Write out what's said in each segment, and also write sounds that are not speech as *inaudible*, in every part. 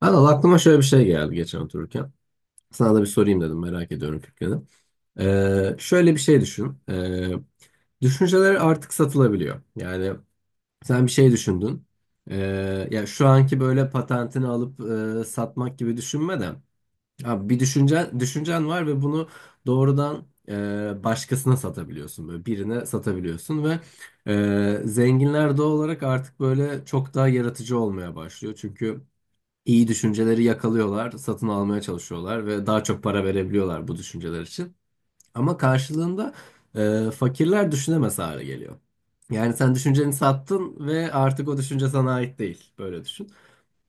Anıl, aklıma şöyle bir şey geldi geçen otururken. Sana da bir sorayım dedim, merak ediyorum fikrini. Şöyle bir şey düşün. Düşünceler artık satılabiliyor. Yani sen bir şey düşündün. Ya şu anki böyle patentini alıp satmak gibi düşünme de. Abi bir düşüncen var ve bunu doğrudan başkasına satabiliyorsun. Böyle birine satabiliyorsun ve zenginler doğal olarak artık böyle çok daha yaratıcı olmaya başlıyor. Çünkü iyi düşünceleri yakalıyorlar, satın almaya çalışıyorlar ve daha çok para verebiliyorlar bu düşünceler için. Ama karşılığında fakirler düşünemez hale geliyor. Yani sen düşünceni sattın ve artık o düşünce sana ait değil. Böyle düşün.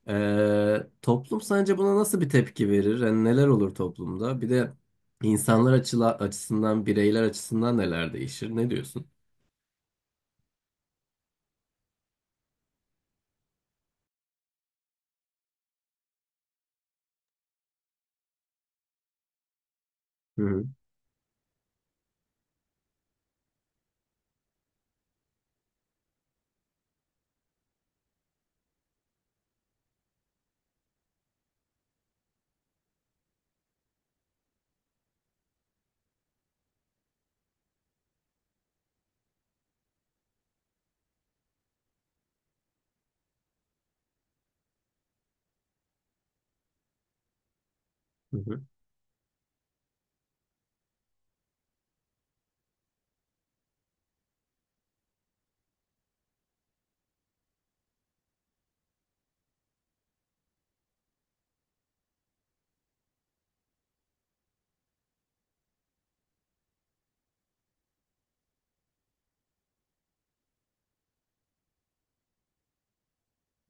Toplum sence buna nasıl bir tepki verir? Yani neler olur toplumda? Bir de insanlar açısından, bireyler açısından neler değişir? Ne diyorsun? Hı hı, hı hı,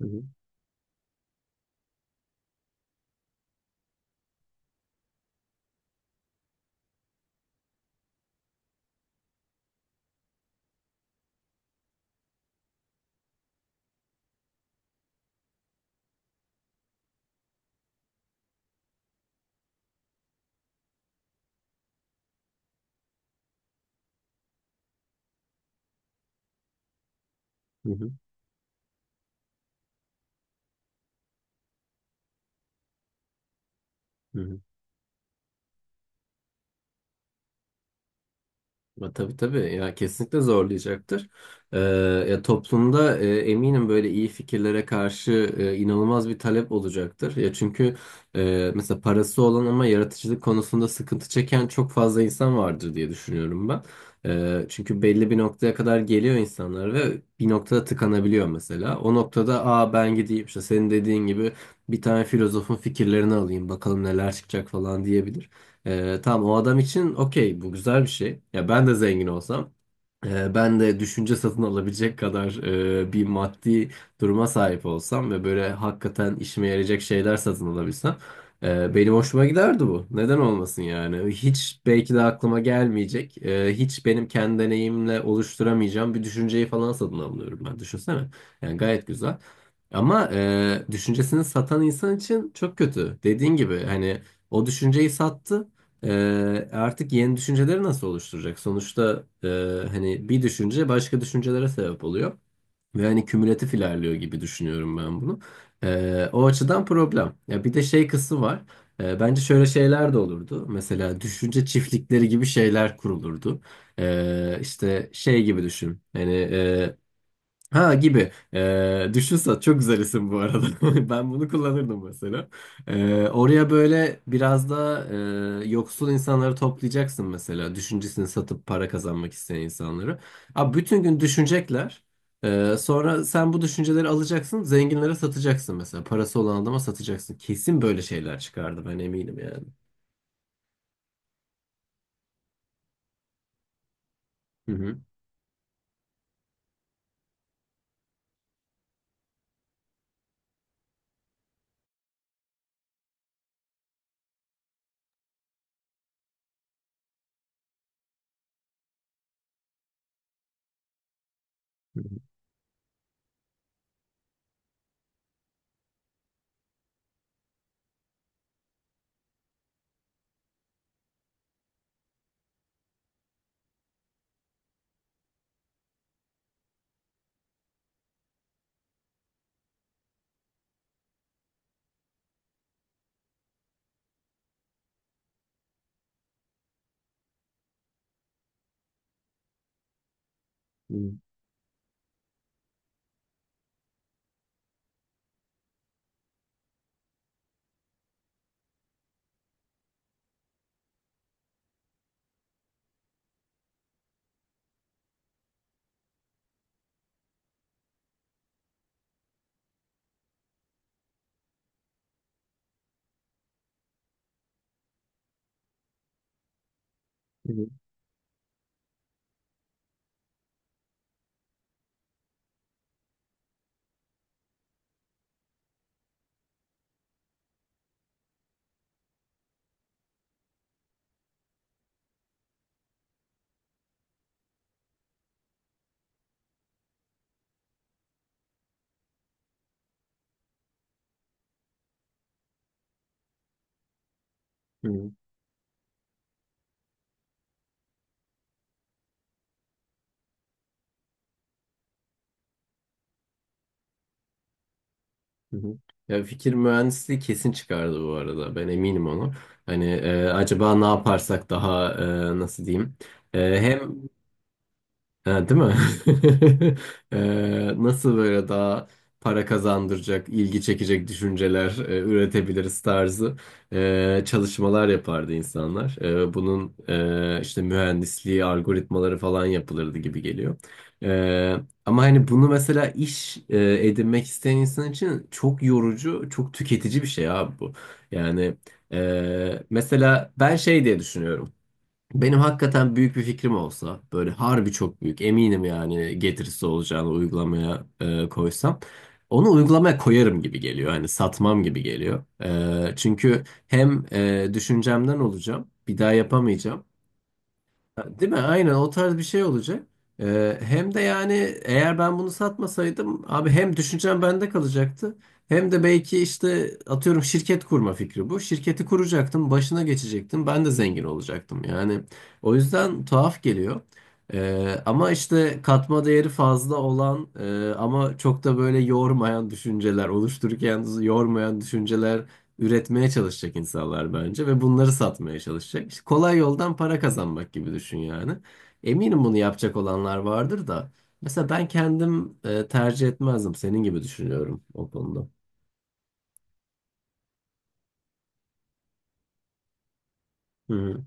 hı hı, hı hı. Hı hı. Ama tabii, tabii ya, kesinlikle zorlayacaktır. Ee, Ya toplumda eminim böyle iyi fikirlere karşı inanılmaz bir talep olacaktır. Ya çünkü mesela parası olan ama yaratıcılık konusunda sıkıntı çeken çok fazla insan vardır diye düşünüyorum ben. Çünkü belli bir noktaya kadar geliyor insanlar ve bir noktada tıkanabiliyor mesela. O noktada, aa, ben gideyim işte senin dediğin gibi bir tane filozofun fikirlerini alayım, bakalım neler çıkacak falan diyebilir. Tamam, o adam için okey, bu güzel bir şey. Ya ben de zengin olsam, ben de düşünce satın alabilecek kadar bir maddi duruma sahip olsam ve böyle hakikaten işime yarayacak şeyler satın alabilsem, benim hoşuma giderdi bu. Neden olmasın yani? Hiç belki de aklıma gelmeyecek, hiç benim kendi deneyimle oluşturamayacağım bir düşünceyi falan satın alıyorum ben. Düşünsene. Yani gayet güzel. Ama düşüncesini satan insan için çok kötü. Dediğin gibi hani o düşünceyi sattı. Artık yeni düşünceleri nasıl oluşturacak? Sonuçta hani bir düşünce başka düşüncelere sebep oluyor. Ve hani kümülatif ilerliyor gibi düşünüyorum ben bunu. O açıdan problem. Ya bir de şey kısmı var. Bence şöyle şeyler de olurdu. Mesela düşünce çiftlikleri gibi şeyler kurulurdu. İşte şey gibi düşün. Hani ha gibi. Düşün, çok güzel isim bu arada. *laughs* Ben bunu kullanırdım mesela. Oraya böyle biraz da yoksul insanları toplayacaksın mesela. Düşüncesini satıp para kazanmak isteyen insanları. Abi bütün gün düşünecekler. Sonra sen bu düşünceleri alacaksın, zenginlere satacaksın mesela. Parası olan adama satacaksın. Kesin böyle şeyler çıkardı, ben eminim yani. Hı hı. Hı hı. Hı hı. Hı hı. Hı hı. Ya, fikir mühendisliği kesin çıkardı bu arada. Ben eminim ona. Hani, acaba ne yaparsak daha nasıl diyeyim? Hem ha, değil mi? *laughs* Nasıl böyle daha para kazandıracak, ilgi çekecek düşünceler üretebiliriz tarzı çalışmalar yapardı insanlar. Bunun işte mühendisliği, algoritmaları falan yapılırdı gibi geliyor. E, Ama hani bunu mesela iş edinmek isteyen insan için çok yorucu, çok tüketici bir şey abi bu. Yani mesela ben şey diye düşünüyorum. Benim hakikaten büyük bir fikrim olsa, böyle harbi çok büyük, eminim yani getirisi olacağını, uygulamaya koysam onu uygulamaya koyarım gibi geliyor. Hani satmam gibi geliyor. Çünkü hem düşüncemden olacağım, bir daha yapamayacağım. Ha, değil mi? Aynen, o tarz bir şey olacak. Hem de yani eğer ben bunu satmasaydım abi, hem düşüncem bende kalacaktı, hem de belki, işte atıyorum, şirket kurma fikri bu. Şirketi kuracaktım, başına geçecektim. Ben de zengin olacaktım. Yani o yüzden tuhaf geliyor. Ama işte katma değeri fazla olan, ama çok da böyle yormayan düşünceler, oluştururken yormayan düşünceler üretmeye çalışacak insanlar bence ve bunları satmaya çalışacak. İşte kolay yoldan para kazanmak gibi düşün yani. Eminim bunu yapacak olanlar vardır da. Mesela ben kendim tercih etmezdim. Senin gibi düşünüyorum o konuda. Hı hı.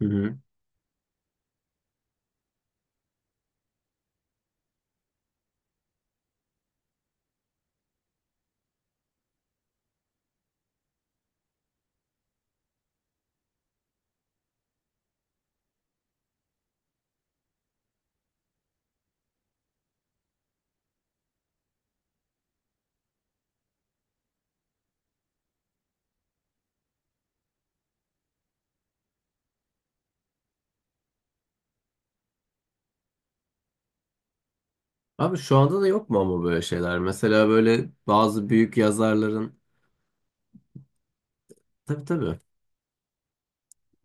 Hı hı. Abi şu anda da yok mu ama böyle şeyler? Mesela böyle bazı büyük yazarların... Tabii, tabii.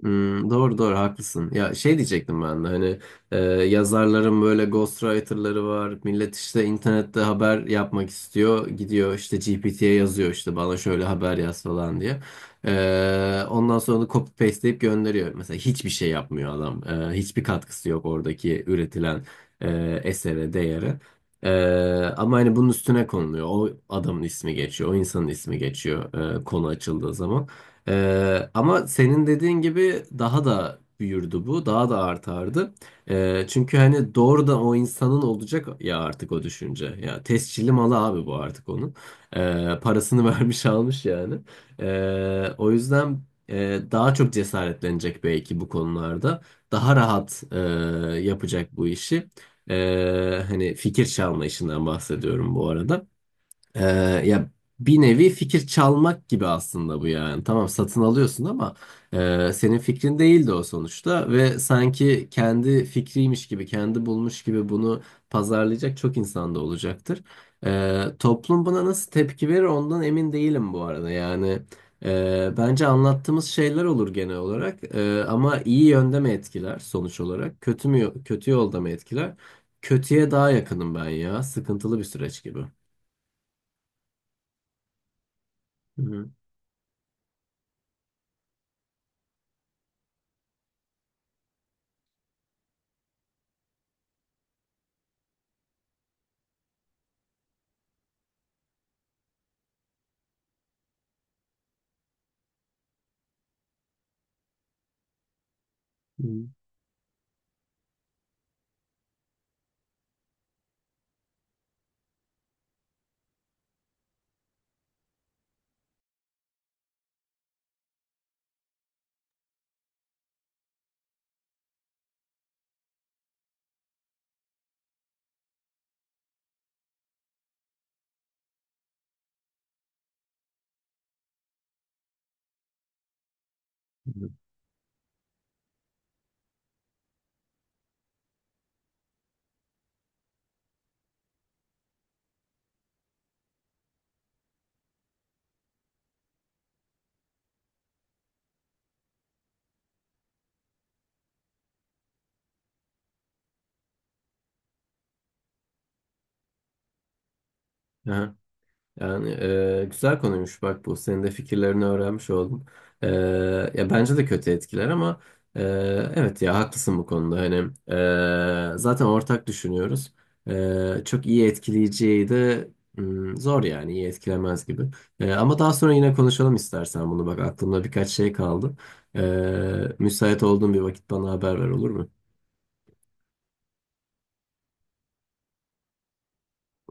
Hmm, doğru, doğru, haklısın. Ya şey diyecektim ben de, hani e, yazarların böyle ghostwriter'ları var. Millet işte internette haber yapmak istiyor. Gidiyor işte GPT'ye yazıyor, işte bana şöyle haber yaz falan diye. Ondan sonra da copy pasteleyip gönderiyor. Mesela hiçbir şey yapmıyor adam. Hiçbir katkısı yok oradaki üretilen esere, değere. E, Ama hani bunun üstüne konuluyor. O adamın ismi geçiyor. O insanın ismi geçiyor konu açıldığı zaman. Ama senin dediğin gibi daha da büyürdü bu, daha da artardı. Çünkü hani doğrudan o insanın olacak ya artık o düşünce. Ya tescilli malı abi bu, artık onun. Parasını *laughs* vermiş, almış yani. O yüzden daha çok cesaretlenecek belki bu konularda. Daha rahat yapacak bu işi. Hani fikir çalma işinden bahsediyorum bu arada. Ee, Ya bir nevi fikir çalmak gibi aslında bu yani. Tamam, satın alıyorsun ama senin fikrin değildi o sonuçta ve sanki kendi fikriymiş gibi, kendi bulmuş gibi bunu pazarlayacak çok insan da olacaktır. Toplum buna nasıl tepki verir ondan emin değilim bu arada. Yani bence anlattığımız şeyler olur genel olarak. Ama iyi yönde mi etkiler sonuç olarak, kötü mü, kötü yolda mı etkiler? Kötüye daha yakınım ben ya. Sıkıntılı bir süreç gibi. Hı. Hı, hı. Aha, yani, güzel konuymuş bak bu. Senin de fikirlerini öğrenmiş oldum. E, Ya bence de kötü etkiler ama e, evet, ya haklısın bu konuda. Hani zaten ortak düşünüyoruz. Çok iyi etkileyeceği de hmm, zor, yani iyi etkilemez gibi. Ama daha sonra yine konuşalım istersen bunu. Bak, aklımda birkaç şey kaldı. Müsait olduğun bir vakit bana haber ver, olur mu?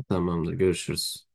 Tamamdır, görüşürüz.